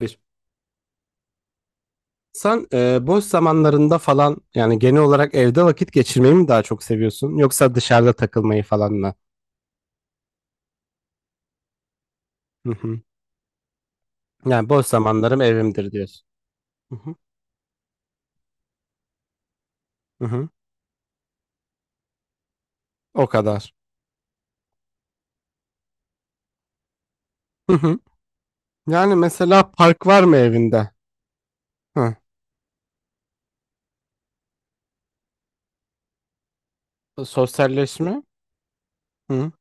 Bir. Sen boş zamanlarında falan yani genel olarak evde vakit geçirmeyi mi daha çok seviyorsun yoksa dışarıda takılmayı falan mı? Hı hı. Yani boş zamanlarım evimdir diyorsun. Hı hı. Hı hı. O kadar. Hı hı. Yani mesela park var mı evinde? Hı. Sosyalleşme? Hı.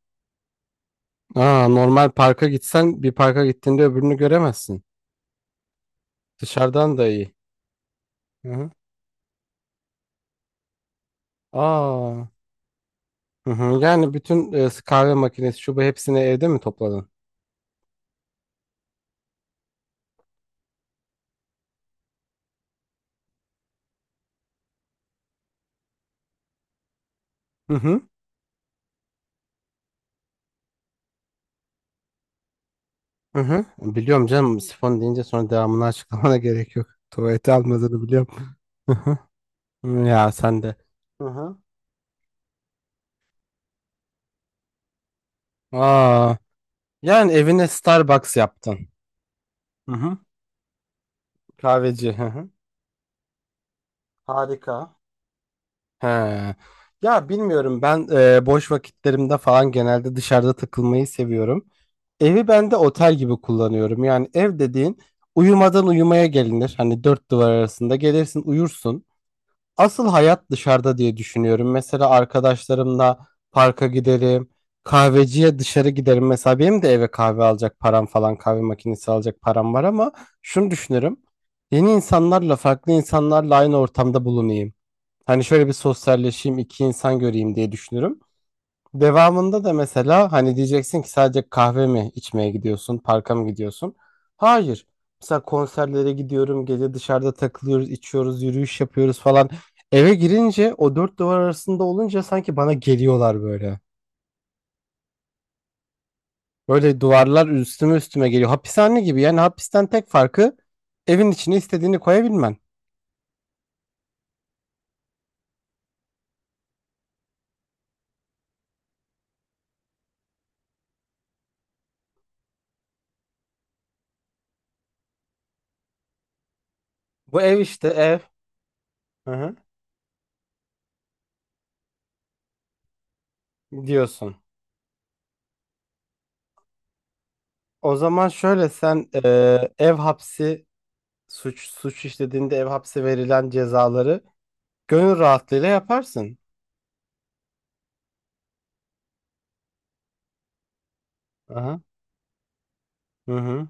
Aa, normal parka gitsen bir parka gittiğinde öbürünü göremezsin. Dışarıdan da iyi. Hı hı. Aa. Hı hı. Yani bütün kahve makinesi şu bu hepsini evde mi topladın? Hı hı. Hı hı. Biliyorum canım, sifon deyince sonra devamını açıklamana gerek yok. Tuvalete almadığını biliyorum. Hı hı. Hı, ya sen de. Hı hı. Aa, yani evine Starbucks yaptın. Hı hı. Kahveci. Hı hı. Harika. He. Ya bilmiyorum, ben boş vakitlerimde falan genelde dışarıda takılmayı seviyorum. Evi ben de otel gibi kullanıyorum. Yani ev dediğin uyumadan uyumaya gelinir. Hani dört duvar arasında gelirsin, uyursun. Asıl hayat dışarıda diye düşünüyorum. Mesela arkadaşlarımla parka giderim, kahveciye dışarı giderim. Mesela benim de eve kahve alacak param falan, kahve makinesi alacak param var ama şunu düşünürüm. Yeni insanlarla, farklı insanlarla aynı ortamda bulunayım. Hani şöyle bir sosyalleşeyim, iki insan göreyim diye düşünürüm. Devamında da mesela hani diyeceksin ki sadece kahve mi içmeye gidiyorsun, parka mı gidiyorsun? Hayır. Mesela konserlere gidiyorum, gece dışarıda takılıyoruz, içiyoruz, yürüyüş yapıyoruz falan. Eve girince o dört duvar arasında olunca sanki bana geliyorlar böyle. Böyle duvarlar üstüme üstüme geliyor. Hapishane gibi yani, hapisten tek farkı evin içine istediğini koyabilmen. Bu ev işte ev. Hı hı. Diyorsun. O zaman şöyle, sen ev hapsi suç işlediğinde ev hapsi verilen cezaları gönül rahatlığıyla yaparsın. Aha. Hı hı.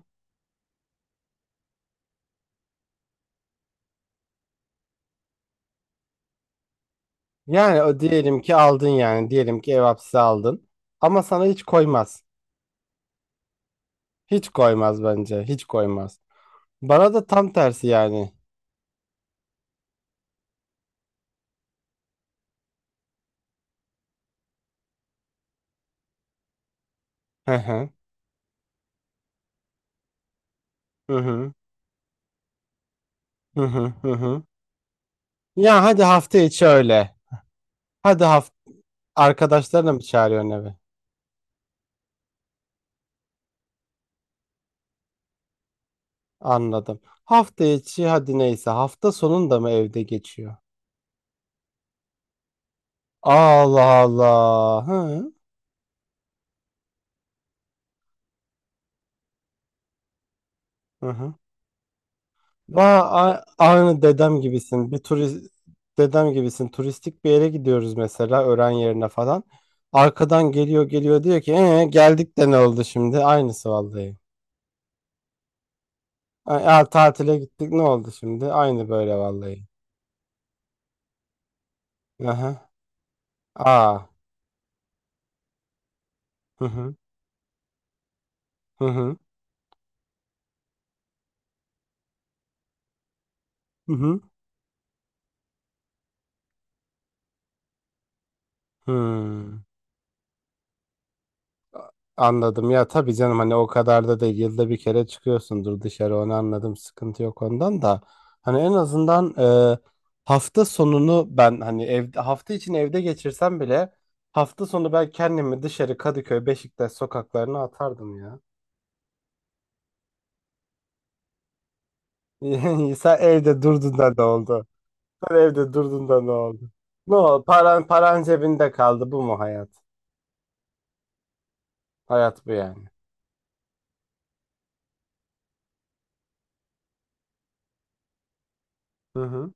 Yani o diyelim ki aldın, yani diyelim ki ev hapsi aldın ama sana hiç koymaz. Hiç koymaz bence. Hiç koymaz. Bana da tam tersi yani. Hı hı. Hı hı. Hı hı. Hı hı. Ya hadi hafta içi öyle. Hadi hafta arkadaşlarına mı çağırıyorsun eve? Anladım. Hafta içi hadi neyse, hafta sonunda mı evde geçiyor? Allah Allah. Hı hı. Hı hı. Aa, aynı dedem gibisin. Bir turist dedem gibisin. Turistik bir yere gidiyoruz mesela öğren yerine falan. Arkadan geliyor geliyor, diyor ki geldik de ne oldu şimdi? Aynısı vallahi. Ay, aa, tatile gittik ne oldu şimdi? Aynı böyle vallahi. Aha. Aa. Hı hı. Hı hı. Hı hı. Hı. Hmm. Anladım ya, tabii canım, hani o kadar da değil, yılda bir kere çıkıyorsundur dışarı, onu anladım, sıkıntı yok ondan da. Hani en azından e, hafta sonunu ben hani, evde hafta için evde geçirsem bile hafta sonu ben kendimi dışarı Kadıköy Beşiktaş sokaklarına atardım ya. Sen evde durduğunda ne oldu? Sen evde durduğunda ne oldu? Ne oldu? Paran, paran cebinde kaldı, bu mu hayat? Hayat bu yani. Hı hı.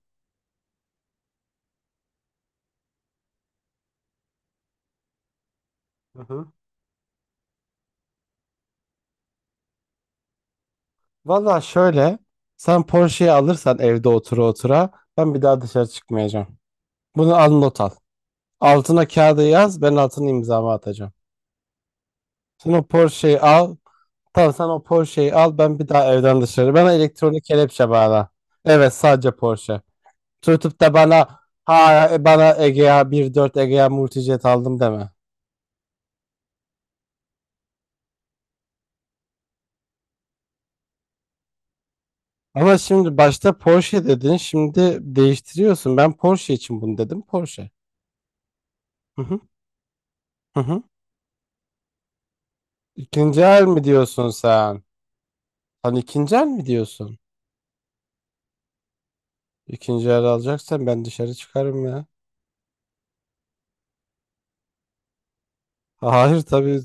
Hı hı. Valla şöyle, sen Porsche'yi alırsan evde otura otura ben bir daha dışarı çıkmayacağım. Bunu al, not al. Altına kağıda yaz, ben altına imzamı atacağım. Sen o Porsche'yi al. Tamam, sen o Porsche'yi al, ben bir daha evden dışarı. Bana elektronik kelepçe bağla. Evet, sadece Porsche. Tutup da bana, ha, bana Egea 1.4 Egea Multijet aldım deme. Ama şimdi başta Porsche dedin, şimdi değiştiriyorsun. Ben Porsche için bunu dedim, Porsche. Hı hı, hı hı. İkinci el mi diyorsun sen? Hani ikinci el mi diyorsun? İkinci el alacaksan ben dışarı çıkarım ya. Hayır tabii.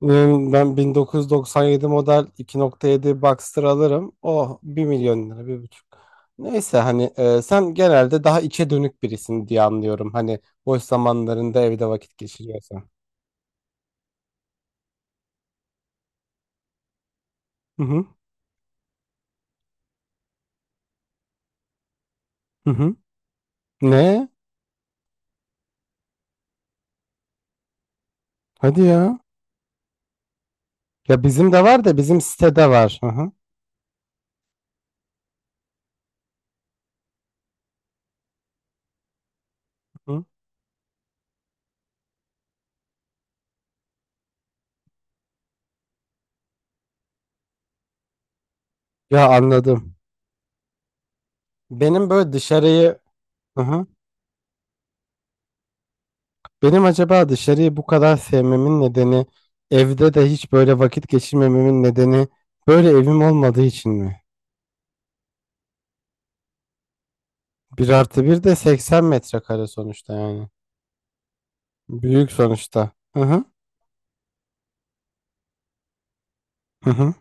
Hmm. Ben 1997 model 2.7 Boxster alırım. O 1 milyon lira, bir buçuk. Neyse hani, sen genelde daha içe dönük birisin diye anlıyorum. Hani boş zamanlarında evde vakit geçiriyorsan. Hı hı. Hı hı. Ne? Hadi ya. Ya bizim de var da, bizim sitede var. Hı hı. Hı. Ya anladım. Benim böyle dışarıyı. Hı hı. Benim acaba dışarıyı bu kadar sevmemin nedeni, evde de hiç böyle vakit geçirmememin nedeni böyle evim olmadığı için mi? Bir artı bir de 80 metrekare sonuçta yani. Büyük sonuçta. Hı hı, hı hı.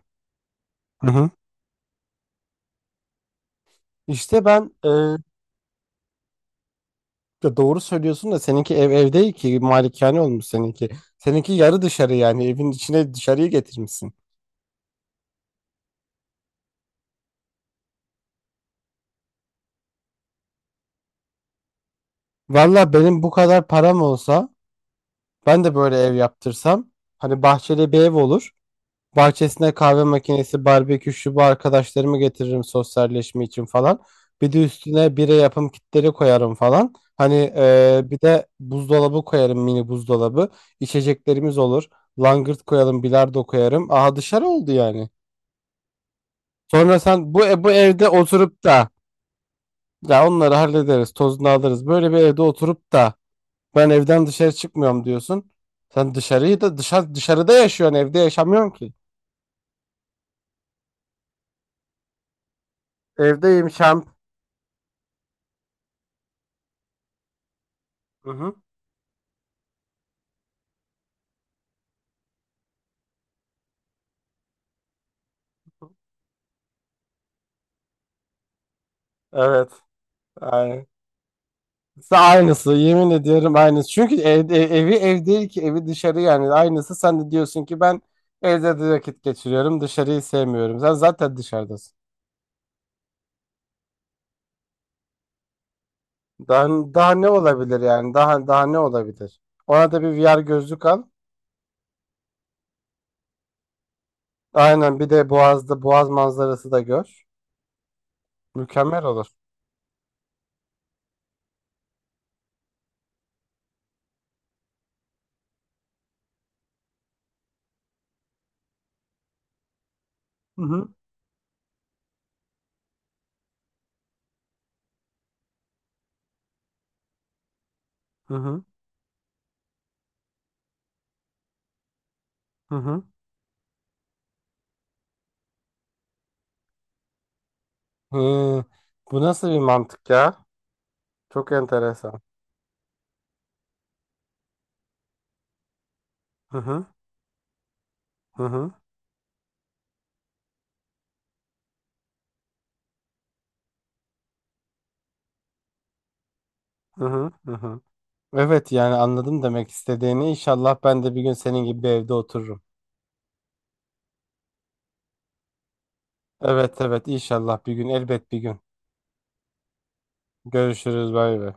Hı hı. İşte ben ya doğru söylüyorsun da seninki ev, ev değil ki, malikane olmuş seninki. Seninki yarı dışarı, yani evin içine dışarıyı getirmişsin. Valla benim bu kadar param olsa ben de böyle ev yaptırsam hani bahçeli bir ev olur. Bahçesine kahve makinesi, barbekü, şu bu, arkadaşlarımı getiririm sosyalleşme için falan. Bir de üstüne bire yapım kitleri koyarım falan. Hani bir de buzdolabı koyarım, mini buzdolabı. İçeceklerimiz olur. Langırt koyalım, bilardo koyarım. Aha, dışarı oldu yani. Sonra sen bu bu evde oturup da ya, onları hallederiz, tozunu alırız. Böyle bir evde oturup da ben evden dışarı çıkmıyorum diyorsun. Sen dışarıyı da dışarıda yaşıyorsun, evde yaşamıyorsun ki. Evdeyim şamp. Hı hı. Evet. Aynen. Aynısı, yemin ediyorum aynısı. Çünkü evi ev değil ki, evi dışarı yani, aynısı. Sen de diyorsun ki ben evde de vakit geçiriyorum, dışarıyı sevmiyorum. Sen zaten dışarıdasın. Daha, daha ne olabilir yani, daha daha ne olabilir? Ona da bir VR gözlük al. Aynen, bir de Boğaz'da Boğaz manzarası da gör. Mükemmel olur. Hı hı. Hı hı. Hı hı. Hı. Bu nasıl bir mantık ya? Çok enteresan. Hı hı. Hı hı. Hı hı. Hı hı. Evet, yani anladım demek istediğini. İnşallah ben de bir gün senin gibi bir evde otururum. Evet evet, inşallah bir gün, elbet bir gün. Görüşürüz, bay bay.